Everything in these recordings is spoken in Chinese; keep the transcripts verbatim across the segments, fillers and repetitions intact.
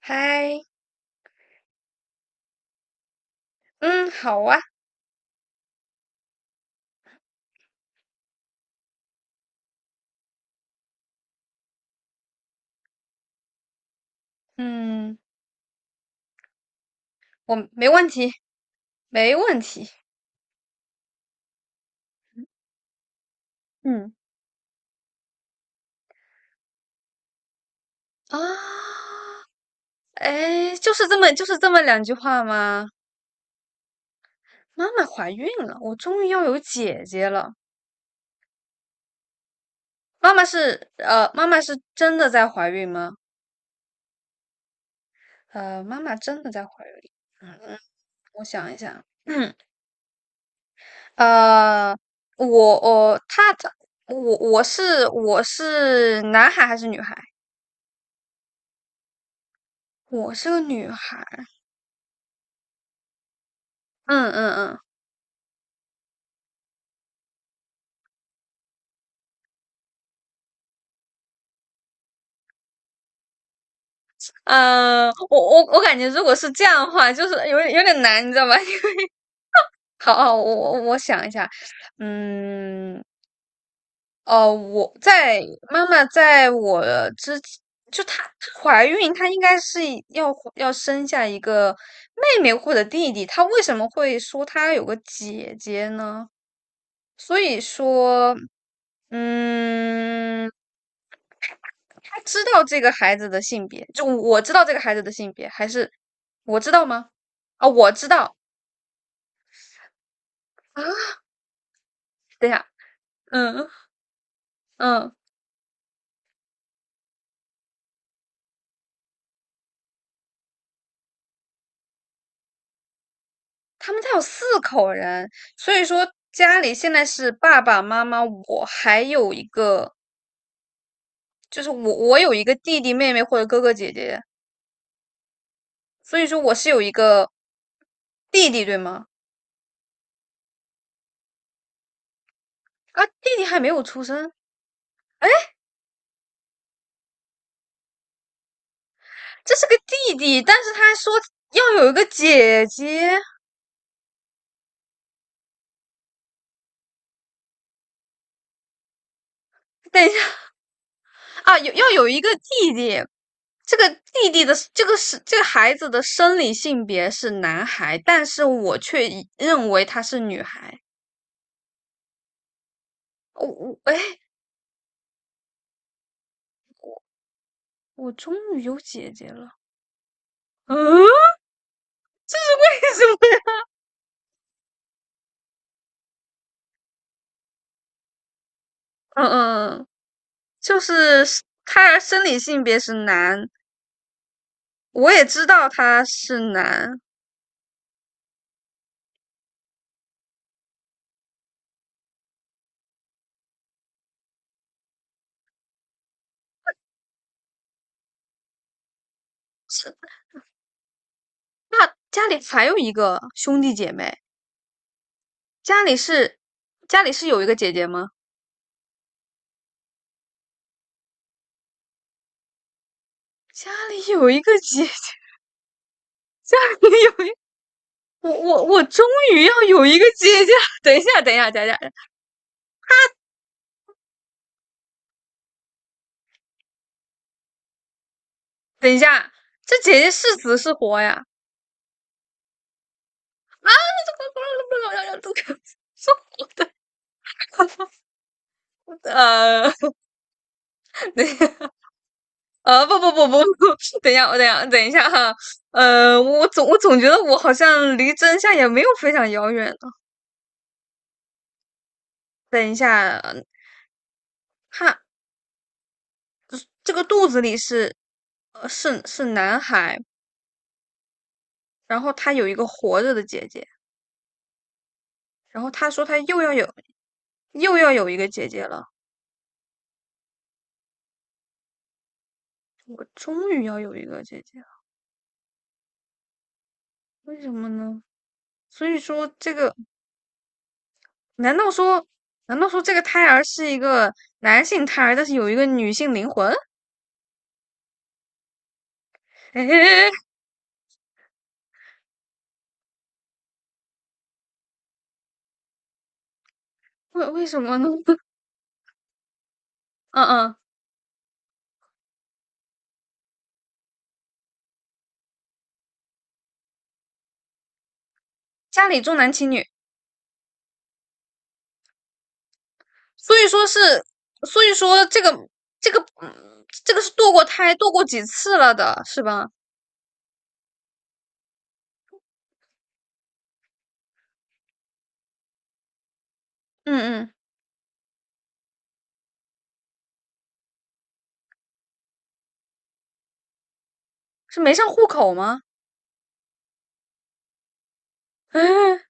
嗨，嗯，好啊。嗯，我没问题，没问题啊。哎，就是这么就是这么两句话吗？妈妈怀孕了，我终于要有姐姐了。妈妈是呃，妈妈是真的在怀孕吗？呃，妈妈真的在怀孕。嗯嗯。我想一想。嗯呃，我我她她我我是我是男孩还是女孩？我是个女孩。嗯嗯嗯。嗯、呃我我我感觉如果是这样的话，就是有点有点难，你知道吧？好好，我我我想一下。嗯，哦，我在妈妈在我之前就她她怀孕，她应该是要要生下一个妹妹或者弟弟，她为什么会说她有个姐姐呢？所以说，嗯，他知道这个孩子的性别，就我知道这个孩子的性别，还是我知道吗？啊、哦我知道啊。等一下。嗯嗯，他们家有四口人，所以说家里现在是爸爸妈妈，我还有一个，就是我我有一个弟弟妹妹或者哥哥姐姐，所以说我是有一个弟弟，对吗？啊，弟弟还没有出生。这是个弟弟，但是他说要有一个姐姐。等一下啊，有要有一个弟弟，这个弟弟的这个是这个孩子的生理性别是男孩，但是我却认为他是女孩。我我哎，我终于有姐姐了。嗯，为什么？嗯嗯，就是他生理性别是男，我也知道他是男。是那家里还有一个兄弟姐妹。家里是家里是有一个姐姐吗？家里有一个姐姐。家里有一我我我终于要有一个姐姐！等一下，等一下，等一下，等一下，这姐姐是死是活呀？是活的。呃，等一下。呃，不不不不不，等一下，我等一下，等一下哈。呃，我总我总觉得我好像离真相也没有非常遥远呢。等一下。他这个肚子里是，呃，是是男孩，然后他有一个活着的姐姐，然后他说他又要有又要有一个姐姐了。终于要有一个姐姐了，为什么呢？所以说这个，难道说，难道说这个胎儿是一个男性胎儿，但是有一个女性灵魂？哎，为为什么呢？嗯嗯。家里重男轻女。所以说是，所以说这个这个，嗯，这个是堕过胎、堕过几次了的，是吧？嗯嗯，是没上户口吗？嗯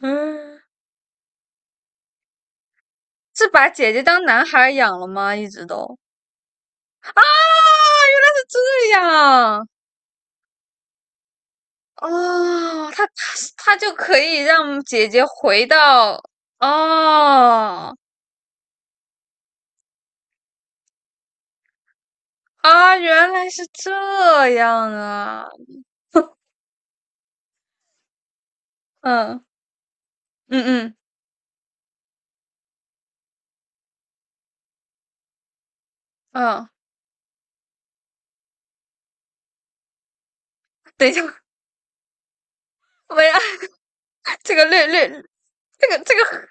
嗯，是把姐姐当男孩养了吗？一直都啊，原来是这样。哦，他他他就可以让姐姐回到。哦啊，原来是这样啊。嗯嗯嗯嗯。等一下，我要 这个略略，这个这个，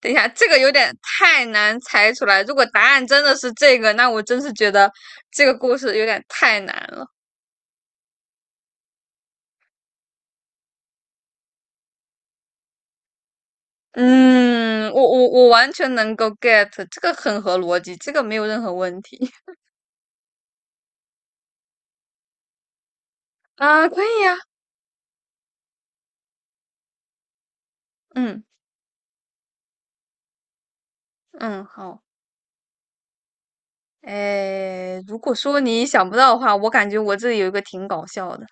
等一下，这个有点太难猜出来。如果答案真的是这个，那我真是觉得这个故事有点太难了。嗯，我我我完全能够 get，这个很合逻辑，这个没有任何问题。啊，可以呀、嗯。嗯，好。诶，如果说你想不到的话，我感觉我这里有一个挺搞笑的。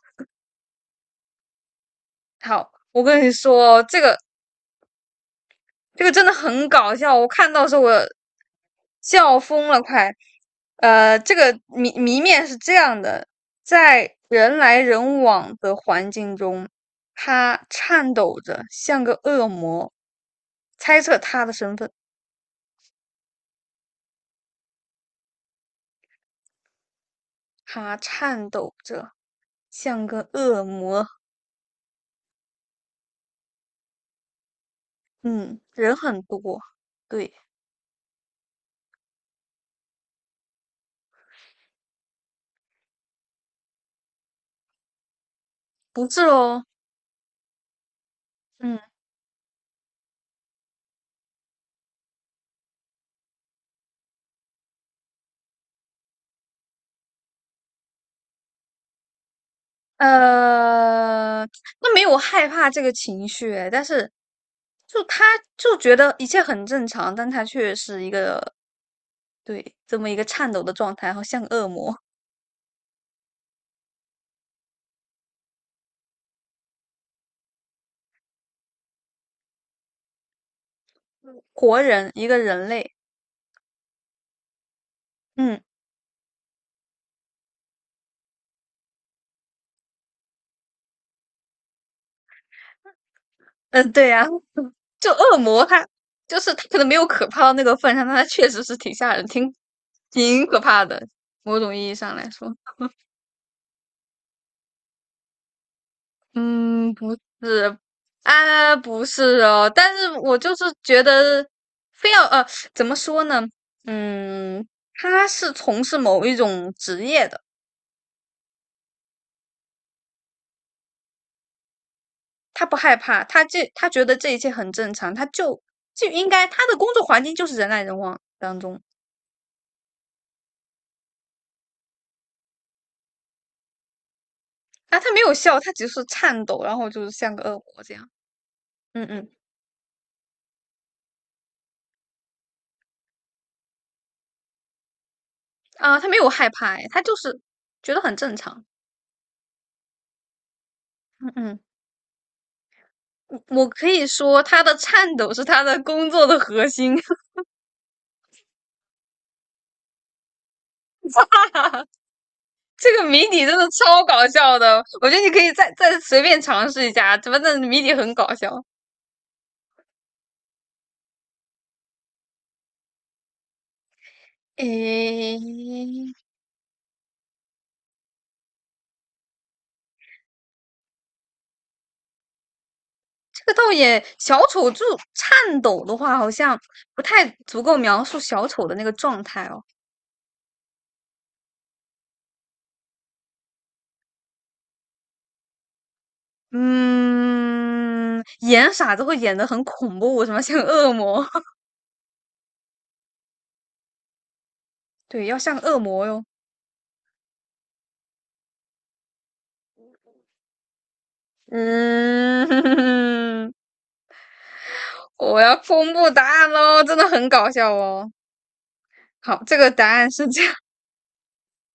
好，我跟你说，这个这个真的很搞笑，我看到的时候我笑疯了，快。呃，这个谜谜面是这样的，在人来人往的环境中，他颤抖着，像个恶魔。猜测他的身份，他颤抖着，像个恶魔。嗯，人很多。对。不是哦。嗯，呃，那没有害怕这个情绪诶，但是就他就觉得一切很正常，但他却是一个对这么一个颤抖的状态，好像恶魔。活人，一个人类。嗯 嗯，呃对呀、就恶魔他就是他可能没有可怕到那个份上，但他确实是挺吓人，挺挺可怕的，某种意义上来说。嗯，不是。啊，不是哦，但是我就是觉得，非要呃，怎么说呢？嗯，他是从事某一种职业的。他不害怕，他这他觉得这一切很正常，他就就应该他的工作环境就是人来人往当中。啊，他没有笑，他只是颤抖，然后就是像个恶魔这样。嗯嗯。啊，他没有害怕。哎，他就是觉得很正常。嗯嗯，我我可以说他的颤抖是他的工作的核心，哈哈哈。这个谜底真的超搞笑的，我觉得你可以再再随便尝试一下，反正谜底很搞笑。诶，这个倒也，小丑就颤抖的话，好像不太足够描述小丑的那个状态哦。嗯，演傻子会演的很恐怖，什么像恶魔，对，要像恶魔哟。嗯，我要公布答案喽，真的很搞笑哦。好，这个答案是这样。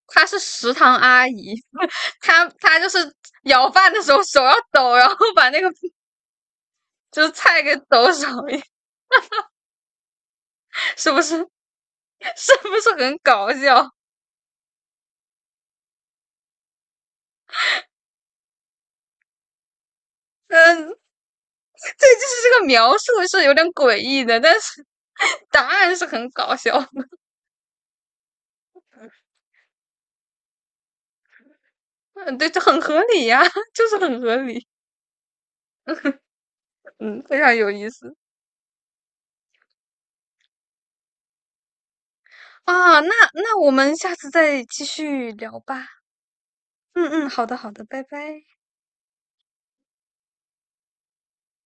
她是食堂阿姨，她她就是舀饭的时候手要抖，然后把那个就是菜给抖手。是不是？是不是很搞笑？嗯，这就是这个描述是有点诡异的，但是 答案是很搞笑。嗯，对，就很合理呀、啊就是很合理。嗯，非常有意思啊。那那我们下次再继续聊吧。嗯嗯，好的好的，拜拜。